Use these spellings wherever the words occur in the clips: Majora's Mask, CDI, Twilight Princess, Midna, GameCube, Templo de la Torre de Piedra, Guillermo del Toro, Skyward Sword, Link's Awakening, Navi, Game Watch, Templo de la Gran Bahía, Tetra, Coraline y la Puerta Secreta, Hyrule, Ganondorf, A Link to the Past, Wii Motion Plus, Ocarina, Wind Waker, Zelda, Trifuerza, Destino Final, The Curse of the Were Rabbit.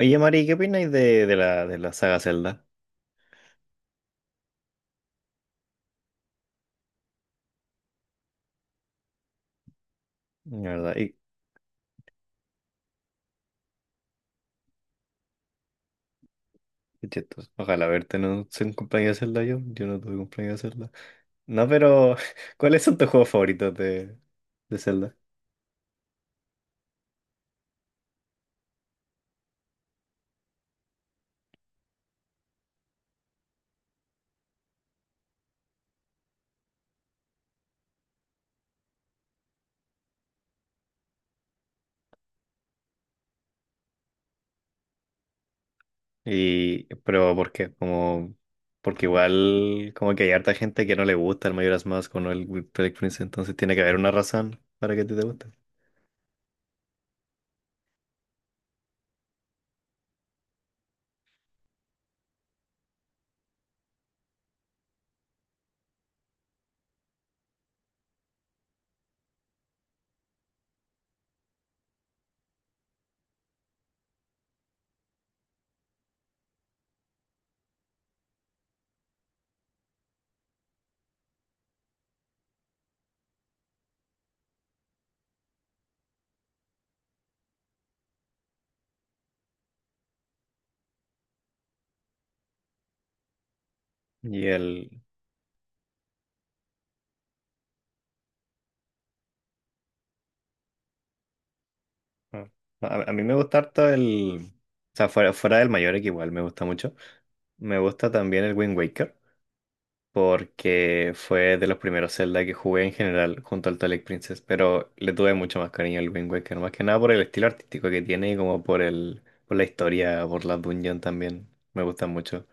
Oye, Mari, ¿qué opináis de la saga Zelda? La verdad, y qué chistoso. Ojalá verte en un cumpleaños de Zelda yo. Yo no tuve cumpleaños de Zelda. No, pero ¿cuáles son tus juegos favoritos de Zelda? Y, pero ¿por qué? Como, porque igual como que hay harta gente que no le gusta el Majora's Mask o no el Wind Waker Prince, entonces tiene que haber una razón para que a ti te guste. Y el... ah, A mí me gusta harto el... O sea, fuera del Mayor que igual me gusta mucho. Me gusta también el Wind Waker, porque fue de los primeros Zelda que jugué en general junto al Twilight Princess, pero le tuve mucho más cariño al Wind Waker, más que nada por el estilo artístico que tiene y como por la historia, por la dungeon también, me gusta mucho.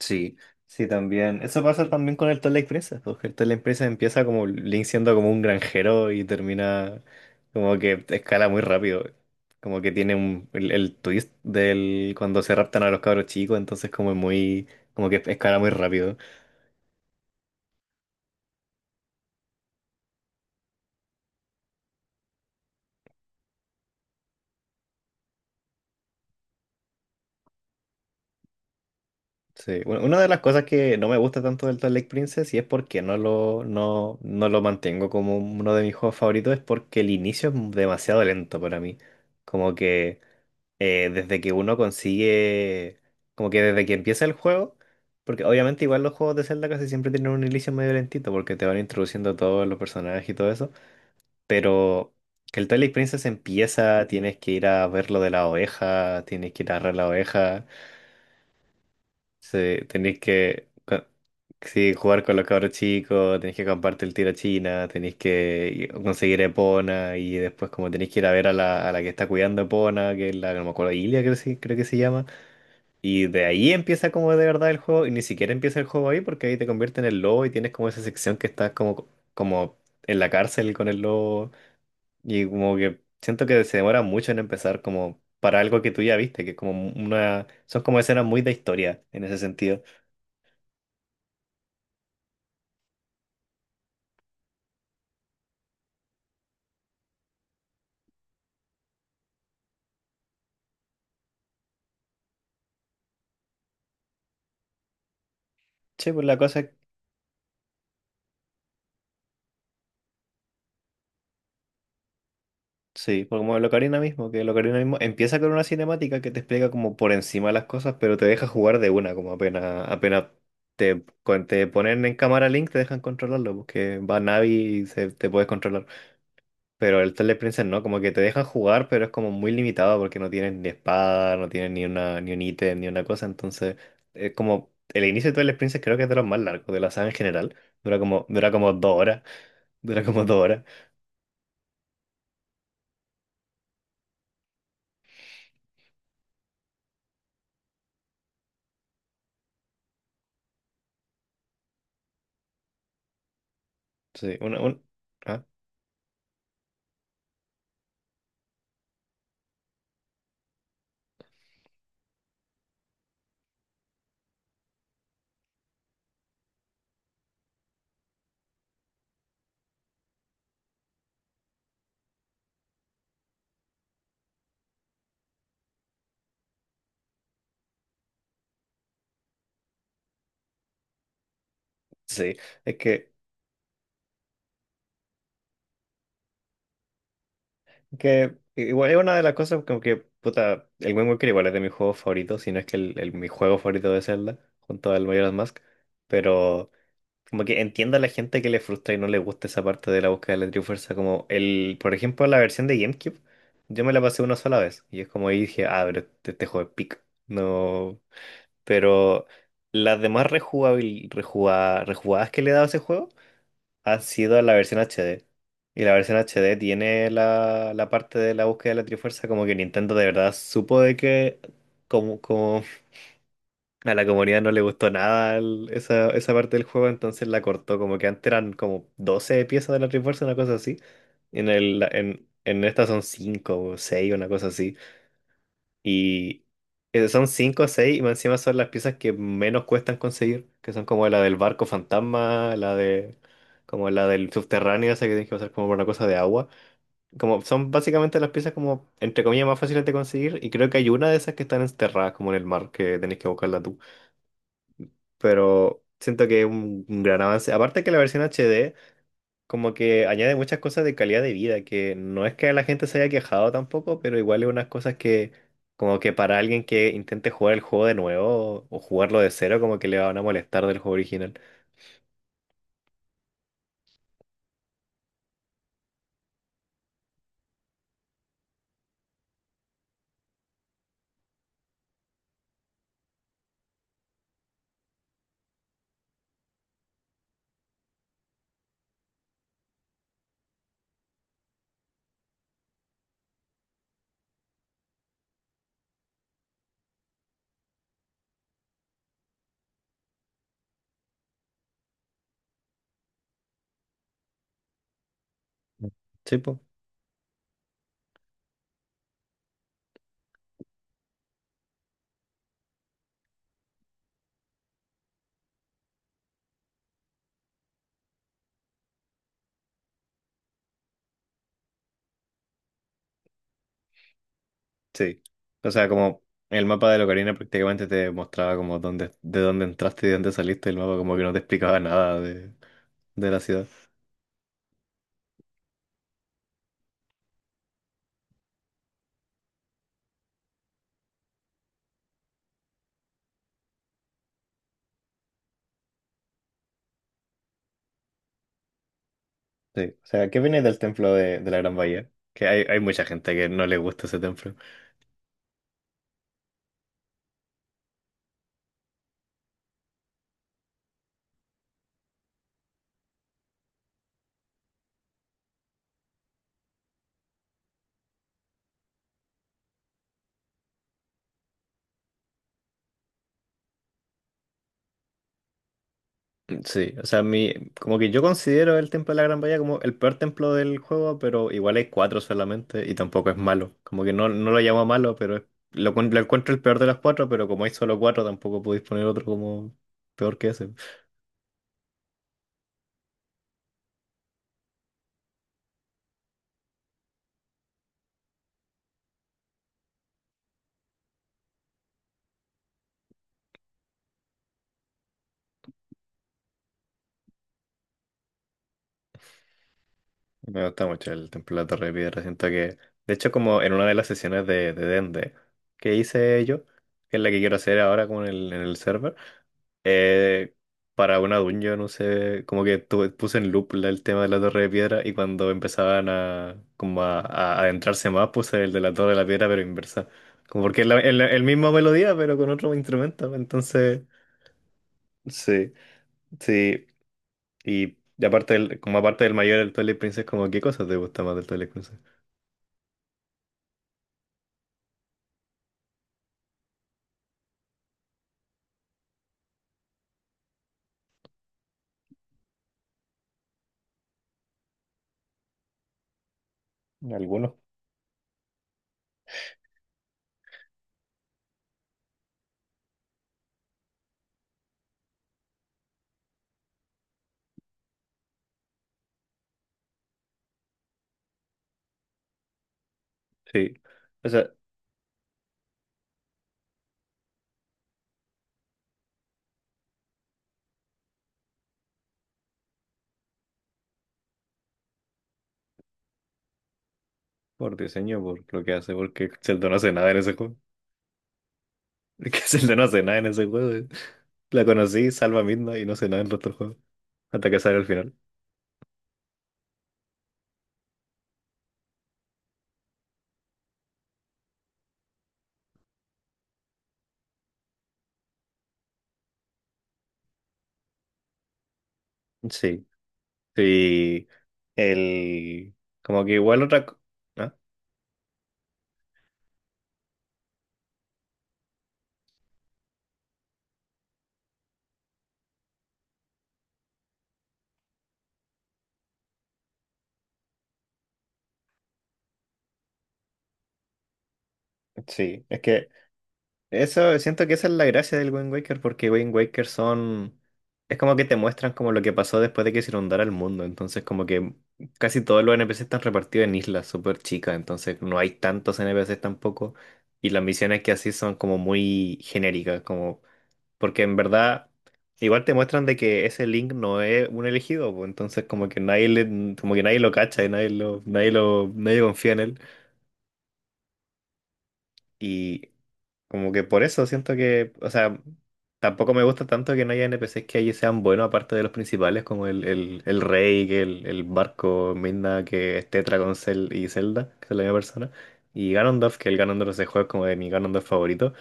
Sí, sí, también. Eso pasa también con el Twilight Princess, porque el Twilight Princess empieza como Link siendo como un granjero y termina como que escala muy rápido. Como que tiene el twist del cuando se raptan a los cabros chicos, entonces como es muy, como que escala muy rápido. Sí, una de las cosas que no me gusta tanto del Twilight Princess y es porque no lo mantengo como uno de mis juegos favoritos es porque el inicio es demasiado lento para mí. Como que desde que uno consigue, como que desde que empieza el juego, porque obviamente igual los juegos de Zelda casi siempre tienen un inicio medio lentito porque te van introduciendo todos los personajes y todo eso, pero que el Twilight Princess empieza, tienes que ir a ver lo de la oveja, tienes que ir a agarrar la oveja. Sí, sí, jugar con los cabros chicos, tenéis que compartir el tiro a China, tenéis que conseguir Epona y después como tenéis que ir a ver a a la que está cuidando Epona, que es la, no me acuerdo, Ilia creo, creo que se llama. Y de ahí empieza como de verdad el juego y ni siquiera empieza el juego ahí porque ahí te convierte en el lobo y tienes como esa sección que estás como, como en la cárcel con el lobo y como que siento que se demora mucho en empezar como para algo que tú ya viste, que es como una... Son como escenas muy de historia en ese sentido. Sí, pues la cosa, es, sí, pues como el Ocarina mismo, que el Ocarina mismo empieza con una cinemática que te explica como por encima las cosas, pero te deja jugar de una, como apenas, apenas te, te ponen en cámara Link, te dejan controlarlo, porque va Navi y se, te puedes controlar. Pero el Twilight Princess no, como que te dejan jugar, pero es como muy limitado porque no tienes ni espada, no tienes ni un ítem, ni una cosa, entonces es como el inicio de Twilight Princess creo que es de los más largos de la saga en general, dura como dos horas, dura como dos horas, sí, ¿ah? Sí, es que igual es una de las cosas como que, puta, el Wind Waker igual es de mis juegos favoritos, si no es que el, mi juego favorito de Zelda, junto al Majora's Mask, pero como que entiendo a la gente que le frustra y no le gusta esa parte de la búsqueda de la Trifuerza, como el, por ejemplo, la versión de GameCube, yo me la pasé una sola vez, y es como ahí dije, ah, pero este juego es pic, no, pero las demás rejugadas que le he dado a ese juego, ha sido la versión HD. Y la versión HD tiene la parte de la búsqueda de la Trifuerza, como que Nintendo de verdad supo de que como a la comunidad no le gustó nada esa parte del juego, entonces la cortó, como que antes eran como 12 piezas de la Trifuerza, una cosa así. En esta son 5 o 6 una cosa así. Y son cinco o seis, y más encima son las piezas que menos cuestan conseguir, que son como la del barco fantasma, la de como la del subterráneo, esa que tienes que pasar como por una cosa de agua. Como son básicamente las piezas como entre comillas más fáciles de conseguir, y creo que hay una de esas que están enterradas como en el mar, que tenés que buscarla tú. Pero siento que es un gran avance. Aparte que la versión HD como que añade muchas cosas de calidad de vida, que no es que la gente se haya quejado tampoco, pero igual es unas cosas que como que para alguien que intente jugar el juego de nuevo o jugarlo de cero, como que le van a molestar del juego original. Sí, pues. Sí. O sea, como el mapa de la Ocarina prácticamente te mostraba como dónde, de dónde entraste y de dónde saliste, el mapa como que no te explicaba nada de la ciudad. Sí. O sea, ¿qué viene del templo de la Gran Bahía? Que hay mucha gente que no le gusta ese templo. Sí, o sea, mi, como que yo considero el Templo de la Gran Bahía como el peor templo del juego, pero igual hay cuatro solamente y tampoco es malo. Como que no, no lo llamo malo, pero lo encuentro el peor de las cuatro, pero como hay solo cuatro, tampoco podéis poner otro como peor que ese. Me gusta mucho el Templo de la Torre de Piedra. Siento que, de hecho, como en una de las sesiones de Dende que hice yo, que es la que quiero hacer ahora con en el server, eh, para una dungeon, no sé, como que puse en loop el tema de la Torre de Piedra y cuando empezaban como a adentrarse más, puse el de la Torre de la Piedra, pero inversa. Como porque es la, el mismo melodía, pero con otro instrumento. Entonces, sí, sí. Y aparte del, como aparte del mayor del Twilight Princess, como, ¿qué cosas te gusta más del Twilight Princess? Algunos, sí. O sea, por diseño, por lo que hace, porque Zelda no hace nada en ese juego. Es que Zelda no hace nada en ese juego. La conocí, salva a y no hace nada en el otro juego. Hasta que sale al final. Sí. Sí. El. Como que igual otra. ¿Ah? Sí. Es que Eso, siento que esa es la gracia del Wind Waker, porque Wind Waker son... Es como que te muestran como lo que pasó después de que se inundara el mundo, entonces como que casi todos los NPCs están repartidos en islas súper chicas, entonces no hay tantos NPCs tampoco, y las misiones que así son como muy genéricas, como... Porque en verdad igual te muestran de que ese Link no es un elegido, pues, entonces como que nadie le- como que nadie lo cacha y nadie confía en él. Y como que por eso siento que, o sea, tampoco me gusta tanto que no haya NPCs que allí sean buenos, aparte de los principales, como el rey, que el barco, Midna, que es Tetra con Cel y Zelda, que son la misma persona. Y Ganondorf, que el Ganondorf de ese juego es como de mi Ganondorf favorito.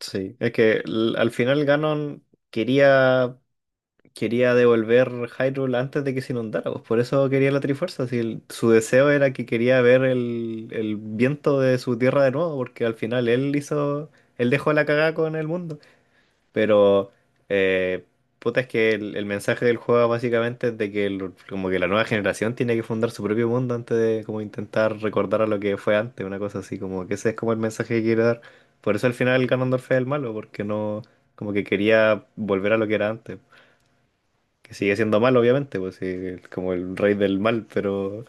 Sí, es que al final Ganon quería devolver Hyrule antes de que se inundara, pues por eso quería la Trifuerza. Si su deseo era que quería ver el viento de su tierra de nuevo, porque al final él hizo, él dejó la cagada con el mundo. Pero, eh, puta, es que el mensaje del juego básicamente es de que como que la nueva generación tiene que fundar su propio mundo antes de como intentar recordar a lo que fue antes, una cosa así, como que ese es como el mensaje que quiere dar. Por eso al final Ganondorf es el malo, porque no, como que quería volver a lo que era antes que sigue siendo mal, obviamente, pues sí, es como el rey del mal, pero,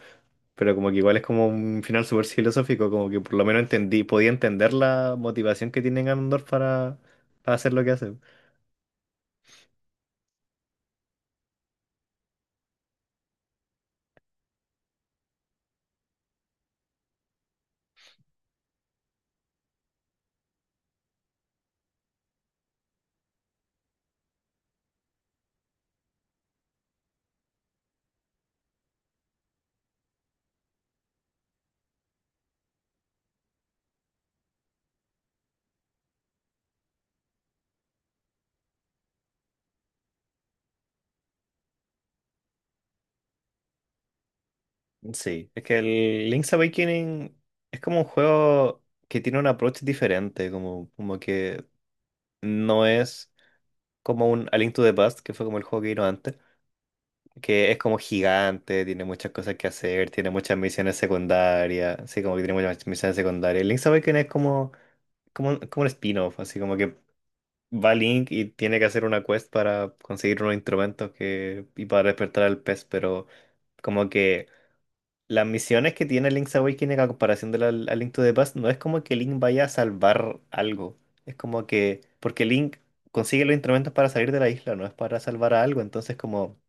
pero como que igual es como un final súper filosófico, como que por lo menos entendí, podía entender la motivación que tiene Ganondorf para hacer lo que hace. Sí, es que el Link's Awakening es como un juego que tiene un approach diferente, como que no es como un A Link to the Past, que fue como el juego que vino antes, que es como gigante, tiene muchas cosas que hacer, tiene muchas misiones secundarias, sí, como que tiene muchas misiones secundarias. El Link's Awakening es como como un spin-off, así como que va Link y tiene que hacer una quest para conseguir unos instrumentos y para despertar al pez, pero como que las misiones que tiene Link's Awakening a comparación de la, a Link to the Past no es como que Link vaya a salvar algo, es como que, porque Link consigue los instrumentos para salir de la isla, no es para salvar a algo, entonces como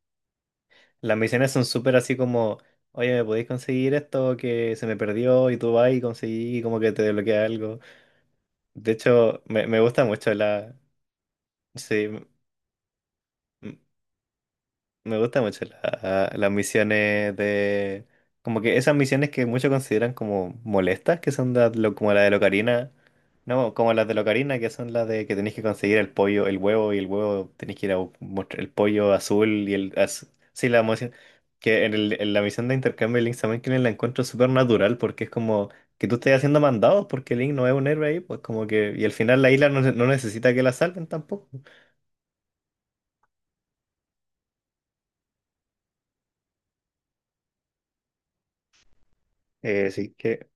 las misiones son súper así como... Oye, ¿me podéis conseguir esto que se me perdió? Y tú vas y conseguí, y como que te desbloquea algo. De hecho, me gusta mucho sí, m- me gusta mucho las misiones de... Como que esas misiones que muchos consideran como molestas, que son como la de Locarina, no, como las de Locarina, que son las de que tenéis que conseguir el pollo, el huevo, y el huevo tenéis que ir a mostrar el pollo azul y sí, la misión... Que en la misión de intercambio de Link también que la encuentro súper natural, porque es como que tú estés haciendo mandados, porque Link no es un héroe ahí, pues como que... Y al final la isla no necesita que la salven tampoco. Sí, que...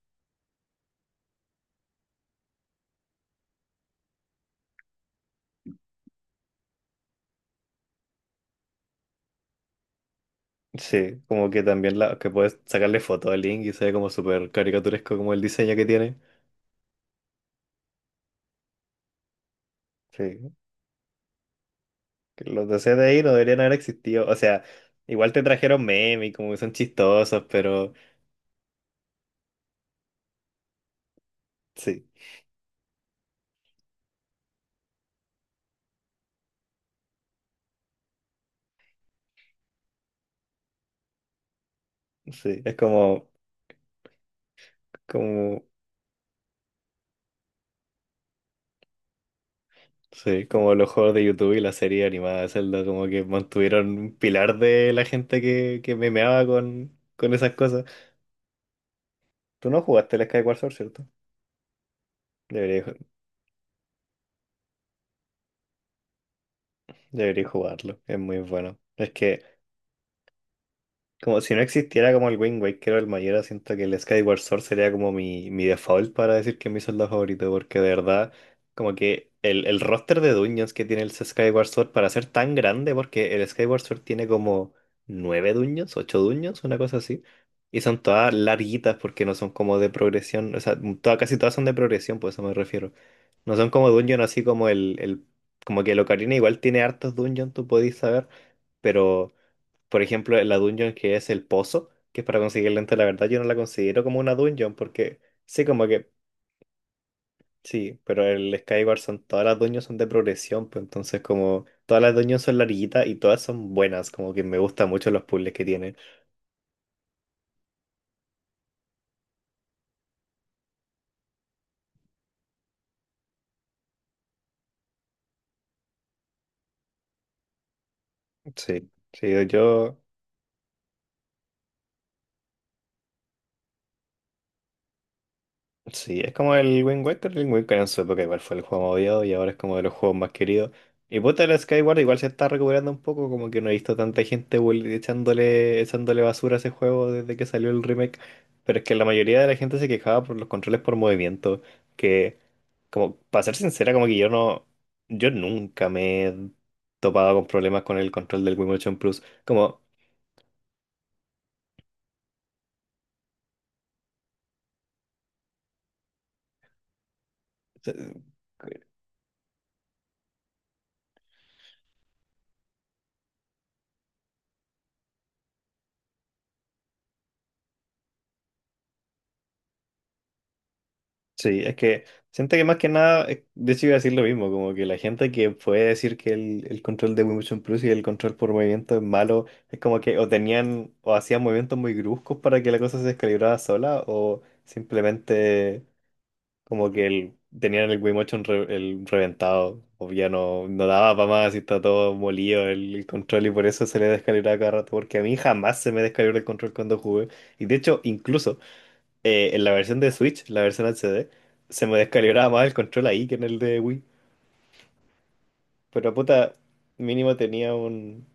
Sí, como que también que puedes sacarle foto al Link y se ve como súper caricaturesco como el diseño que tiene. Sí, que los de C CDI no deberían haber existido. O sea, igual te trajeron memes y como que son chistosos, pero sí, sí, es como, sí, como los juegos de YouTube y la serie animada de Zelda, como que mantuvieron un pilar de la gente que memeaba con esas cosas. Tú no jugaste el Skyward Sword, ¿cierto? Debería, debería jugarlo, es muy bueno. Es que como si no existiera como el Wind Waker o el Majora, siento que el Skyward Sword sería como mi default para decir que es mi soldado favorito, porque de verdad, como que el roster de dungeons que tiene el Skyward Sword para ser tan grande, porque el Skyward Sword tiene como nueve dungeons, ocho dungeons, una cosa así, y son todas larguitas porque no son como de progresión, o sea, todas, casi todas son de progresión, por eso me refiero. No son como dungeons así como el como que el Ocarina igual tiene hartos dungeons, tú podís saber, pero... Por ejemplo, la dungeon que es el pozo, que es para conseguir el lente de la verdad, yo no la considero como una dungeon porque sí, como que sí, pero el Skyward son todas las dungeons son de progresión, pues entonces como todas las dungeons son larguitas y todas son buenas, como que me gustan mucho los puzzles que tienen. Sí, sí, yo sí, es como el Wind Waker. El Wind Waker en su época igual fue el juego más odiado y ahora es como de los juegos más queridos. Y puta, el Skyward igual se está recuperando un poco, como que no he visto tanta gente echándole basura a ese juego desde que salió el remake. Pero es que la mayoría de la gente se quejaba por los controles por movimiento, que, como, para ser sincera, como que yo no, yo nunca me he topado con problemas con el control del Wii Motion Plus. Como, sí, es que siento que más que nada, de hecho iba a decir lo mismo, como que la gente que puede decir que el control de Wii Motion Plus y el control por movimiento es malo, es como que o tenían o hacían movimientos muy bruscos para que la cosa se descalibrara sola o simplemente como que tenían el el reventado, o ya no daba para más y está todo molido el control y por eso se le descalibraba cada rato, porque a mí jamás se me descalibró el control cuando jugué. Y de hecho, incluso en la versión de Switch, la versión HD, se me descalibraba más el control ahí que en el de Wii. Pero puta, mínimo tenía un...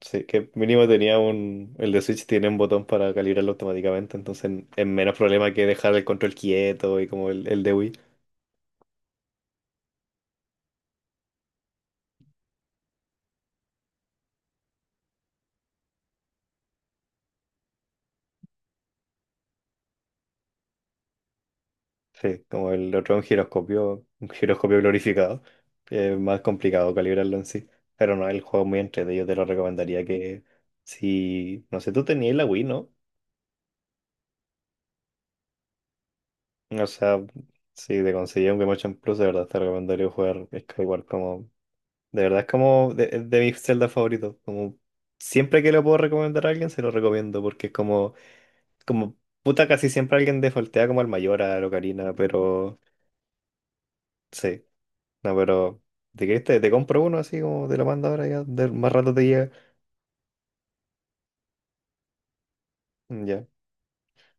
Sí, que mínimo tenía un... El de Switch tiene un botón para calibrarlo automáticamente, entonces es menos problema que dejar el control quieto y como el de Wii. Sí, como el otro es un giroscopio glorificado. Es más complicado calibrarlo en sí. Pero no, el juego es muy entretenido, yo te lo recomendaría que... Si... No sé, tú tenías la Wii, ¿no? O sea, si te conseguí un Game Watch en Plus, de verdad te recomendaría jugar Skyward como... De verdad es como de mis Zelda favoritos. Como siempre que lo puedo recomendar a alguien, se lo recomiendo, porque es como... Como puta, casi siempre alguien defaultea como al mayor, a la Ocarina, pero... Sí, no, pero... ¿De qué te compro uno así como te lo mando ahora ya? De- más rato te llega. Ya.